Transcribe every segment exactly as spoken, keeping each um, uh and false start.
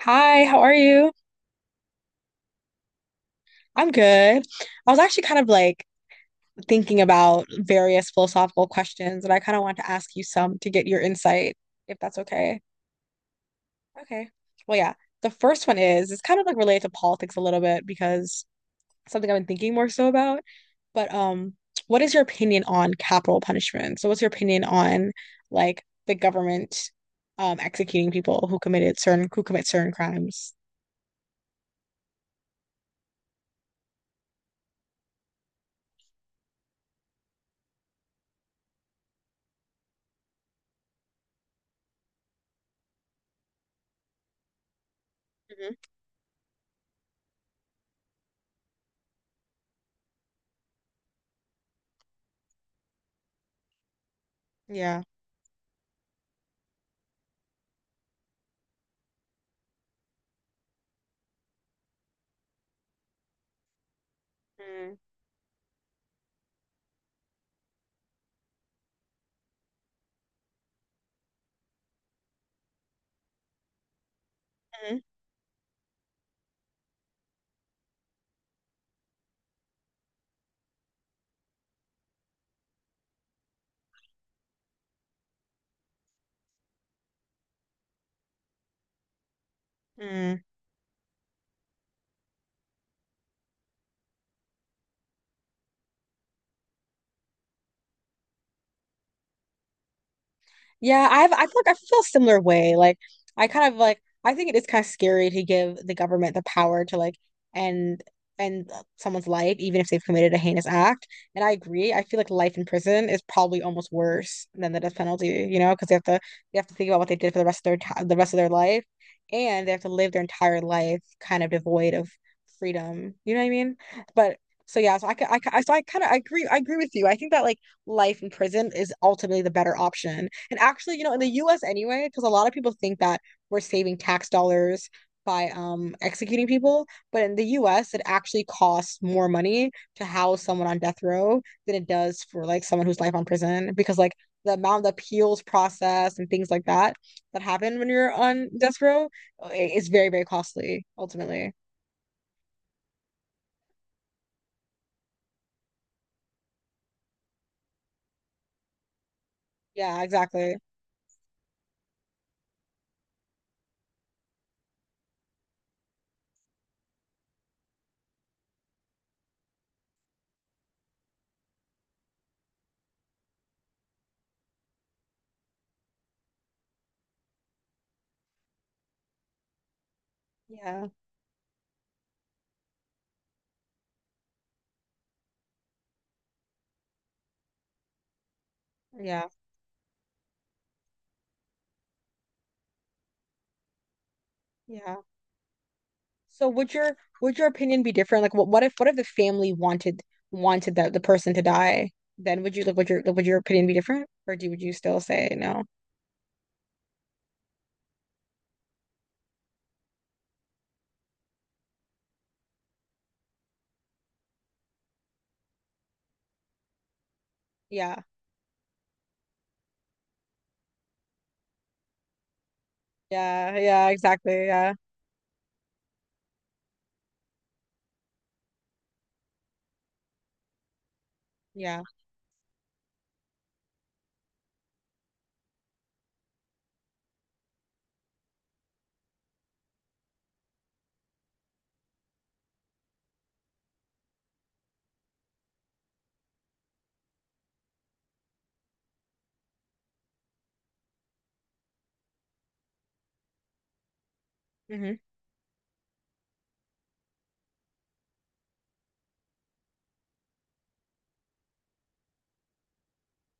Hi, how are you? I'm good. I was actually kind of like thinking about various philosophical questions, and I kind of want to ask you some to get your insight, if that's okay. Okay. Well, yeah. The first one is it's kind of like related to politics a little bit because it's something I've been thinking more so about. But um, what is your opinion on capital punishment? So, what's your opinion on like the government um executing people who committed certain who commit certain crimes? Hmm. Yeah. Mm-hmm. Yeah, I've I feel like I feel a similar way. Like I kind of like I think it is kind of scary to give the government the power to like end end someone's life, even if they've committed a heinous act. And I agree. I feel like life in prison is probably almost worse than the death penalty, you know, because they have to they have to think about what they did for the rest of their ti the rest of their life, and they have to live their entire life kind of devoid of freedom. You know what I mean? But so yeah, so I ca- I ca- so I kind of I agree I agree with you. I think that like life in prison is ultimately the better option. And actually, you know, in the U S anyway, because a lot of people think that we're saving tax dollars by um executing people, but in the U S it actually costs more money to house someone on death row than it does for like someone who's life on prison because like the amount of appeals process and things like that that happen when you're on death row is very very costly ultimately. Yeah, exactly. Yeah. Yeah. Yeah. So would your would your opinion be different? Like what what if what if the family wanted wanted that the person to die? Then would you like would your like, would your opinion be different? Or do would you still say no? Yeah. Yeah. Yeah, exactly. Yeah. Yeah. Mm-hmm.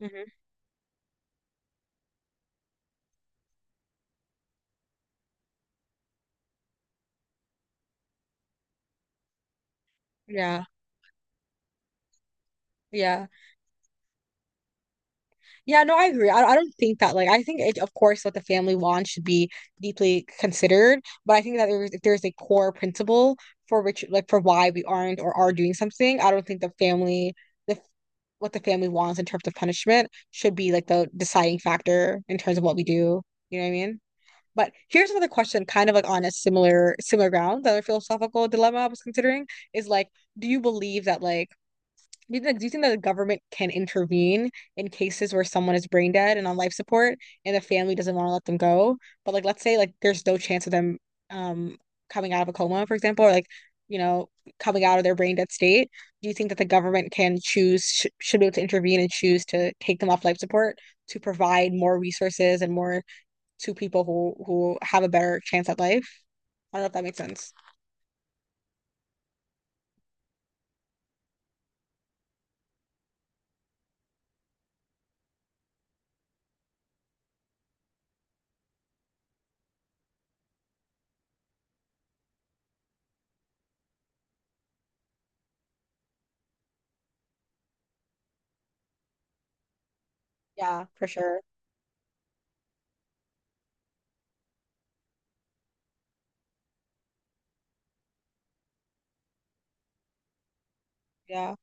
Mm-hmm. Yeah. Yeah. Yeah, no, I agree. I, I don't think that like I think it, of course what the family wants should be deeply considered, but I think that there is, if there's a core principle for which like for why we aren't or are doing something, I don't think the family the what the family wants in terms of punishment should be like the deciding factor in terms of what we do. You know what I mean? But here's another question, kind of like on a similar similar ground, the other philosophical dilemma I was considering is like, do you believe that like do you think, do you think that the government can intervene in cases where someone is brain dead and on life support and the family doesn't want to let them go? But like let's say like there's no chance of them um coming out of a coma, for example, or like, you know, coming out of their brain dead state. Do you think that the government can choose sh should be able to intervene and choose to take them off life support to provide more resources and more to people who who have a better chance at life? I don't know if that makes sense. Yeah, for sure. Yeah.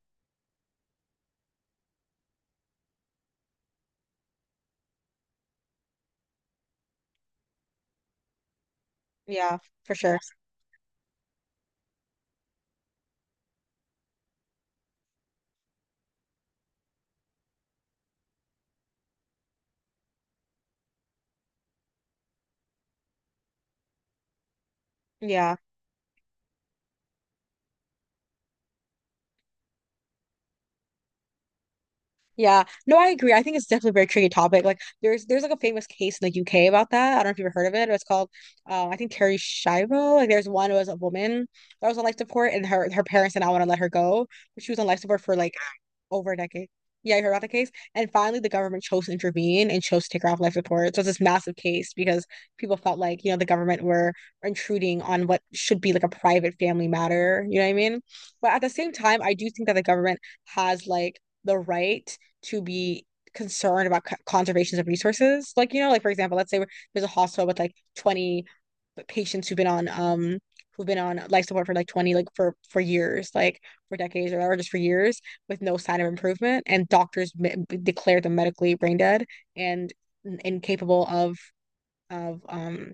Yeah, for sure. Yeah. Yeah, no, I agree. I think it's definitely a very tricky topic. Like, there's there's like a famous case in the U K about that. I don't know if you've ever heard of it. It was called, um, I think Terry Schiavo. Like, there's one who was a woman that was on life support, and her her parents did not want to let her go, but she was on life support for like over a decade. Yeah, I heard about the case. And finally, the government chose to intervene and chose to take her off life support. So it's this massive case because people felt like, you know, the government were intruding on what should be like a private family matter. You know what I mean? But at the same time, I do think that the government has like the right to be concerned about c- conservations of resources. Like, you know, like for example, let's say there's a hospital with like twenty patients who've been on um who've been on life support for like twenty like for for years like for decades or, or just for years with no sign of improvement and doctors me- declare them medically brain dead and incapable of of um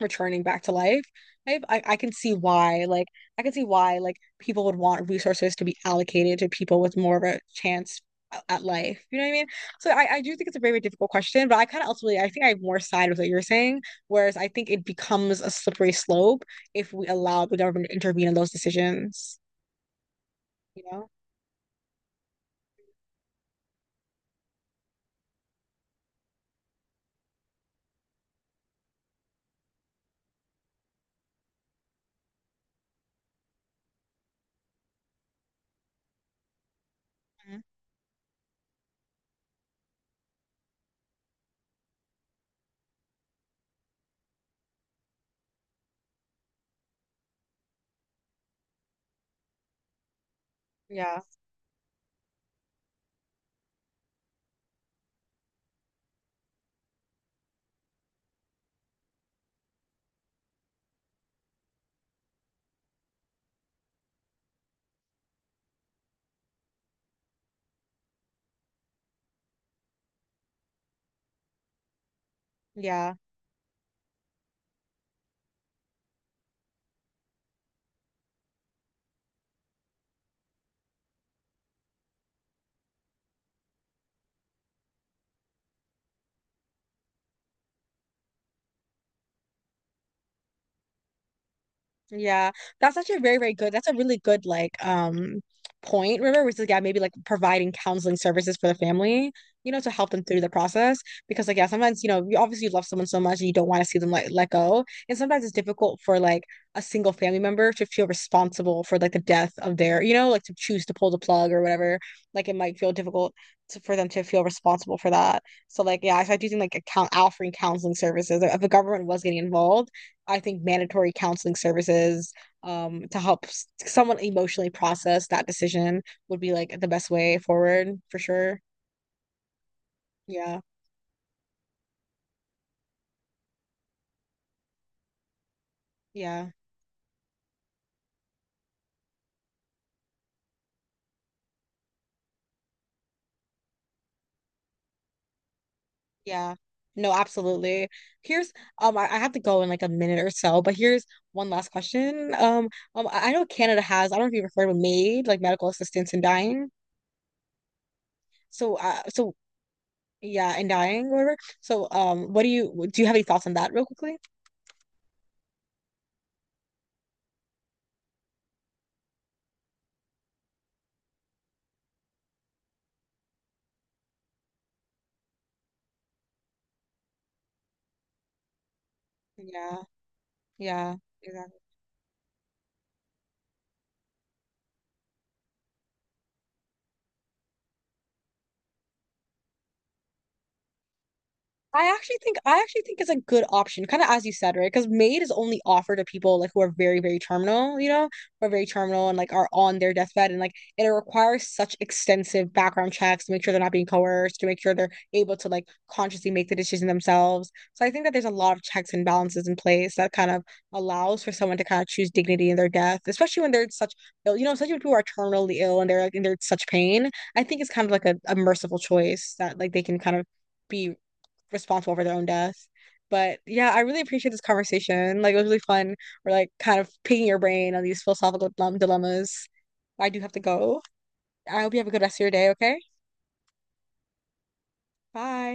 returning back to life, I, I I can see why like I can see why like people would want resources to be allocated to people with more of a chance at life. You know what I mean? So I, I do think it's a very, very difficult question, but I kind of ultimately I think I have more side with what you're saying, whereas I think it becomes a slippery slope if we allow the government to intervene in those decisions, you know? Mhm. Yeah. Yeah. Yeah, that's actually very, very good. That's a really good like um point, River, which is yeah, maybe like providing counseling services for the family, you know, to help them through the process. Because like yeah, sometimes, you know, you obviously love someone so much and you don't want to see them like let go. And sometimes it's difficult for like a single family member to feel responsible for like the death of their, you know, like to choose to pull the plug or whatever. Like it might feel difficult to, for them to feel responsible for that. So like yeah, so I do think like account offering counseling services, if the government was getting involved I think mandatory counseling services um, to help s- someone emotionally process that decision would be like the best way forward for sure. Yeah, yeah, yeah. No, absolutely. Here's um, I, I have to go in like a minute or so, but here's one last question. Um, um, I I know Canada has, I don't know if you've heard of MAID, like medical assistance in dying. So, uh, so yeah, in dying or whatever. So, um, what do you do? You have any thoughts on that, real quickly? Yeah, yeah, exactly. I actually think I actually think it's a good option, kind of as you said, right? Because Maid is only offered to people like who are very, very terminal, you know, who are very terminal and like are on their deathbed, and like it requires such extensive background checks to make sure they're not being coerced, to make sure they're able to like consciously make the decision themselves. So I think that there's a lot of checks and balances in place that kind of allows for someone to kind of choose dignity in their death, especially when they're such ill, you know, especially when people are terminally ill and they're like and they're in such pain. I think it's kind of like a, a merciful choice that like they can kind of be responsible for their own deaths. But yeah, I really appreciate this conversation. Like it was really fun. We're like kind of picking your brain on these philosophical dilem- dilemmas. I do have to go. I hope you have a good rest of your day, okay? Bye.